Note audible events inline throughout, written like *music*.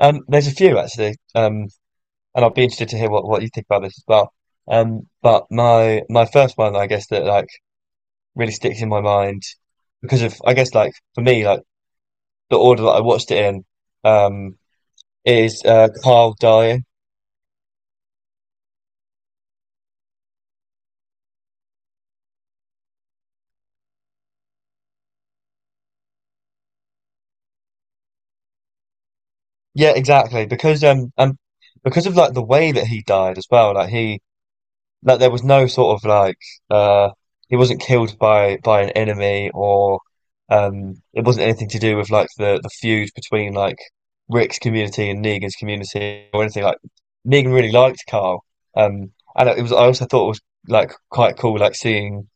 There's a few actually. And I'd be interested to hear what you think about this as well. But my first one, I guess, that like really sticks in my mind because of, I guess, like for me, like the order that I watched it in, um, is Carl dying. Yeah, exactly. Because of like the way that he died as well. Like there was no sort of like uh he wasn't killed by an enemy, or it wasn't anything to do with like the feud between like Rick's community and Negan's community or anything. Like Negan really liked Carl, and it was, I also thought it was like quite cool, like seeing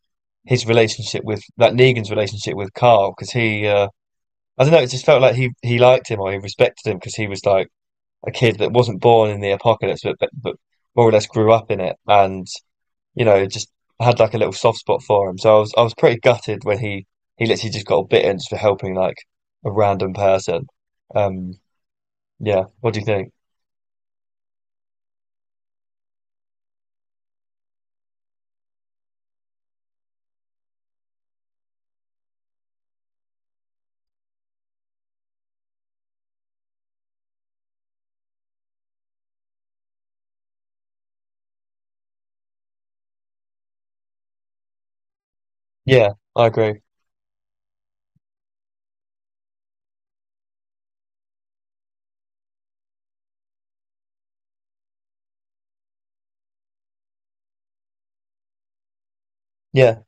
his relationship with, like, Negan's relationship with Carl, because he I don't know, it just felt like he liked him, or he respected him because he was like a kid that wasn't born in the apocalypse but more or less grew up in it and, you know, just had like a little soft spot for him. So I was pretty gutted when he literally just got bitten just for helping like a random person. Um, yeah. What do you think? Yeah, I agree. Yeah,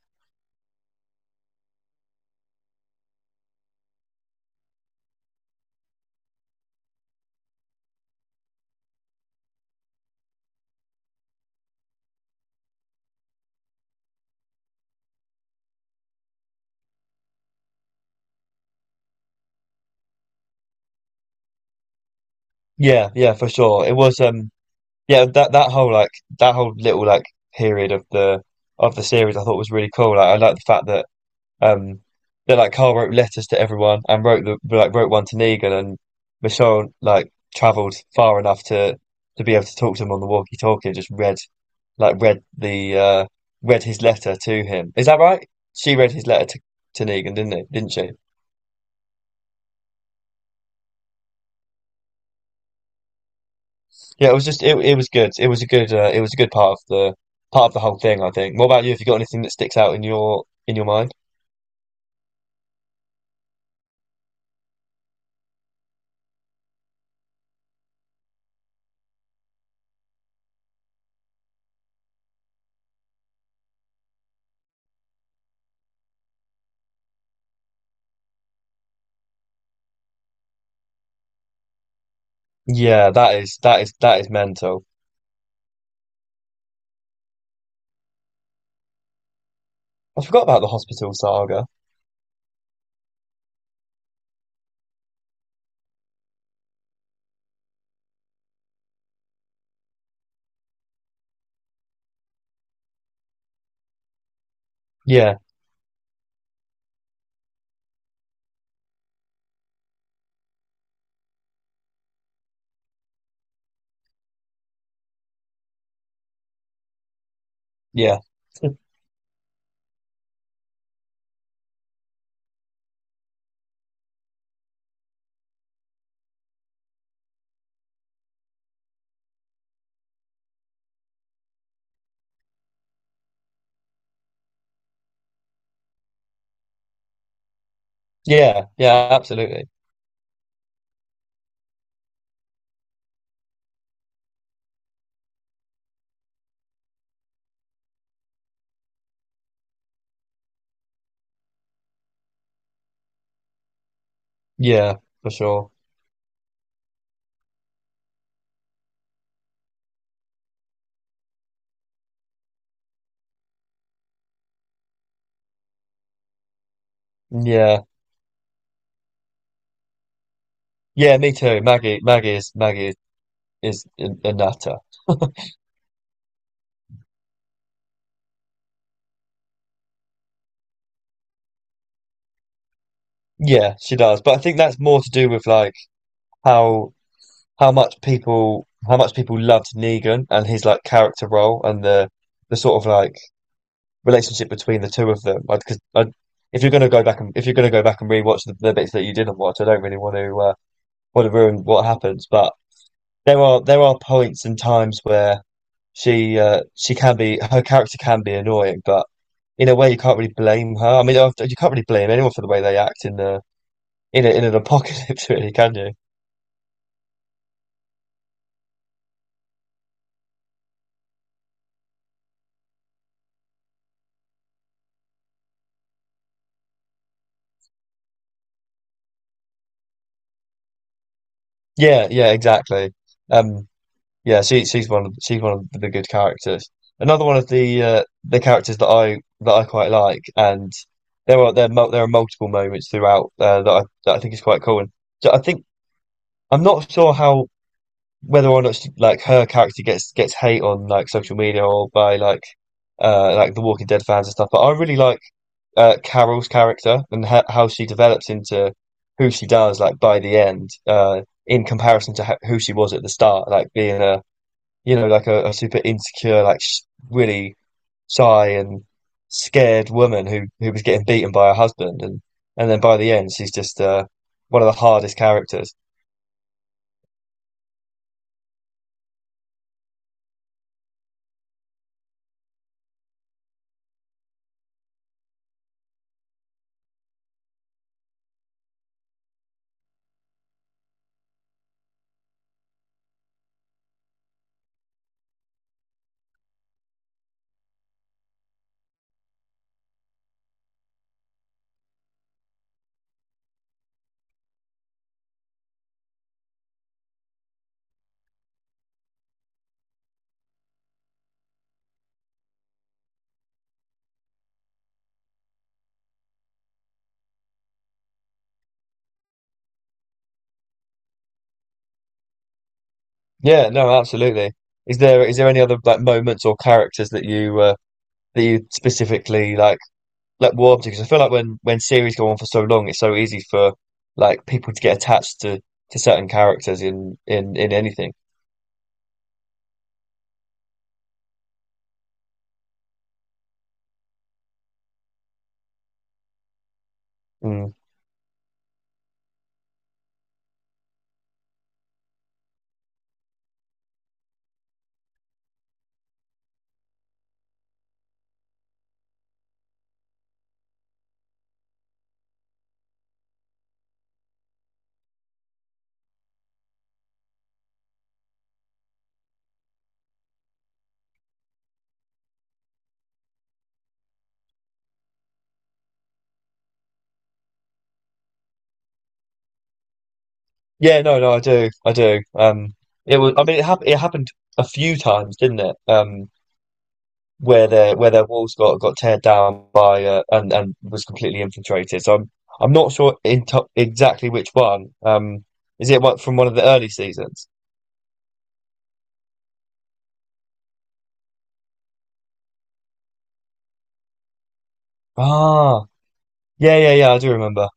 yeah, yeah, for sure. It was, yeah, that whole like that whole little like period of the series, I thought was really cool. Like I like the fact that, Um, then like Carl wrote letters to everyone and wrote the, like, wrote one to Negan, and Michonne like travelled far enough to be able to talk to him on the walkie-talkie and just read, like read the read his letter to him. Is that right? She read his letter to Negan, didn't it? Didn't she? Yeah, it was just it was good. It was a good, it was a good part of the whole thing, I think. What about you? Have you got anything that sticks out in your mind? Yeah, that is, that is, that is mental. I forgot about the hospital saga. Yeah, yeah. Yeah, yeah, absolutely. Yeah, for sure. Yeah, yeah, me too. Maggie, Maggie is, Maggie is a nutter. Yeah, she does. But I think that's more to do with like how how much people loved Negan and his like character role, and the sort of like relationship between the two of them. Because if you're gonna go back, and rewatch the bits that you didn't watch. I don't really want to, want to ruin what happens. But there are points and times where she can be her character can be annoying, but in a way you can't really blame her. I mean, you can't really blame anyone for the way they act in the in a, in an *laughs* apocalypse, really, can you? Yeah, yeah, exactly. Um, yeah, she's one of, she's one of the good characters. Another one of the, the characters that I quite like. And there are multiple moments throughout, that I think is quite cool. And so I think I'm not sure how, whether or not she, like her character, gets hate on like social media or by like, like The Walking Dead fans and stuff. But I really like, Carol's character, and ha how she develops into who she does, like by the end, uh, in comparison to ho who she was at the start. Like being a, you know, like a super insecure, like sh really shy and scared woman who was getting beaten by her husband, and then by the end she's just, one of the hardest characters. Yeah, no, absolutely. Is there any other like moments or characters that you, that you specifically like warm to? Because I feel like when series go on for so long, it's so easy for like people to get attached to certain characters in in anything. Mm. Yeah, no, no, I do, I do. It was, I mean, it happened a few times, didn't it? Where their walls got teared down by, and was completely infiltrated. So I'm not sure in to exactly which one. Is it one from one of the early seasons? Ah, yeah, yeah, yeah. I do remember.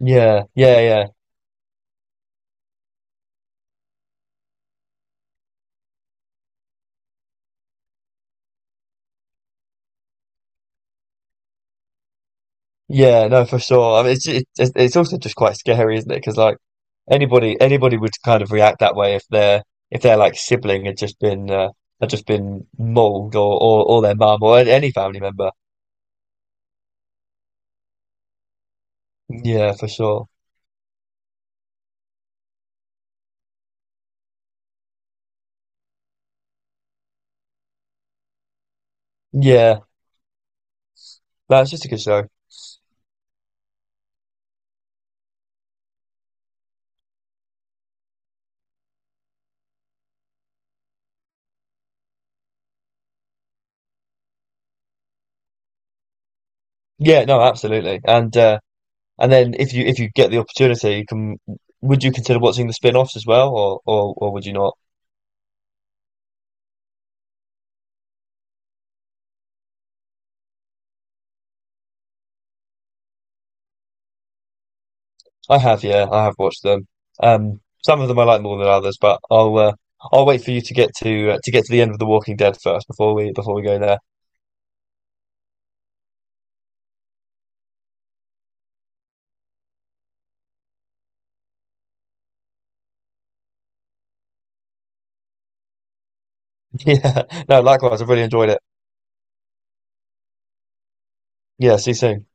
Yeah, yeah, yeah, yeah. No, for sure. I mean, it's it's also just quite scary, isn't it? Because like anybody would kind of react that way if their, like sibling had just been, had just been mauled, or or their mum, or any family member. Yeah, for sure. Yeah, that's just a good show. Yeah, no, absolutely. And, and then if you get the opportunity, you can, would you consider watching the spin-offs as well, or or would you not? I have, yeah, I have watched them. Some of them I like more than others, but I'll, I'll wait for you to get to, to get to the end of The Walking Dead first before we go there. *laughs* Yeah, no, likewise, I've really enjoyed it. Yeah, see you soon.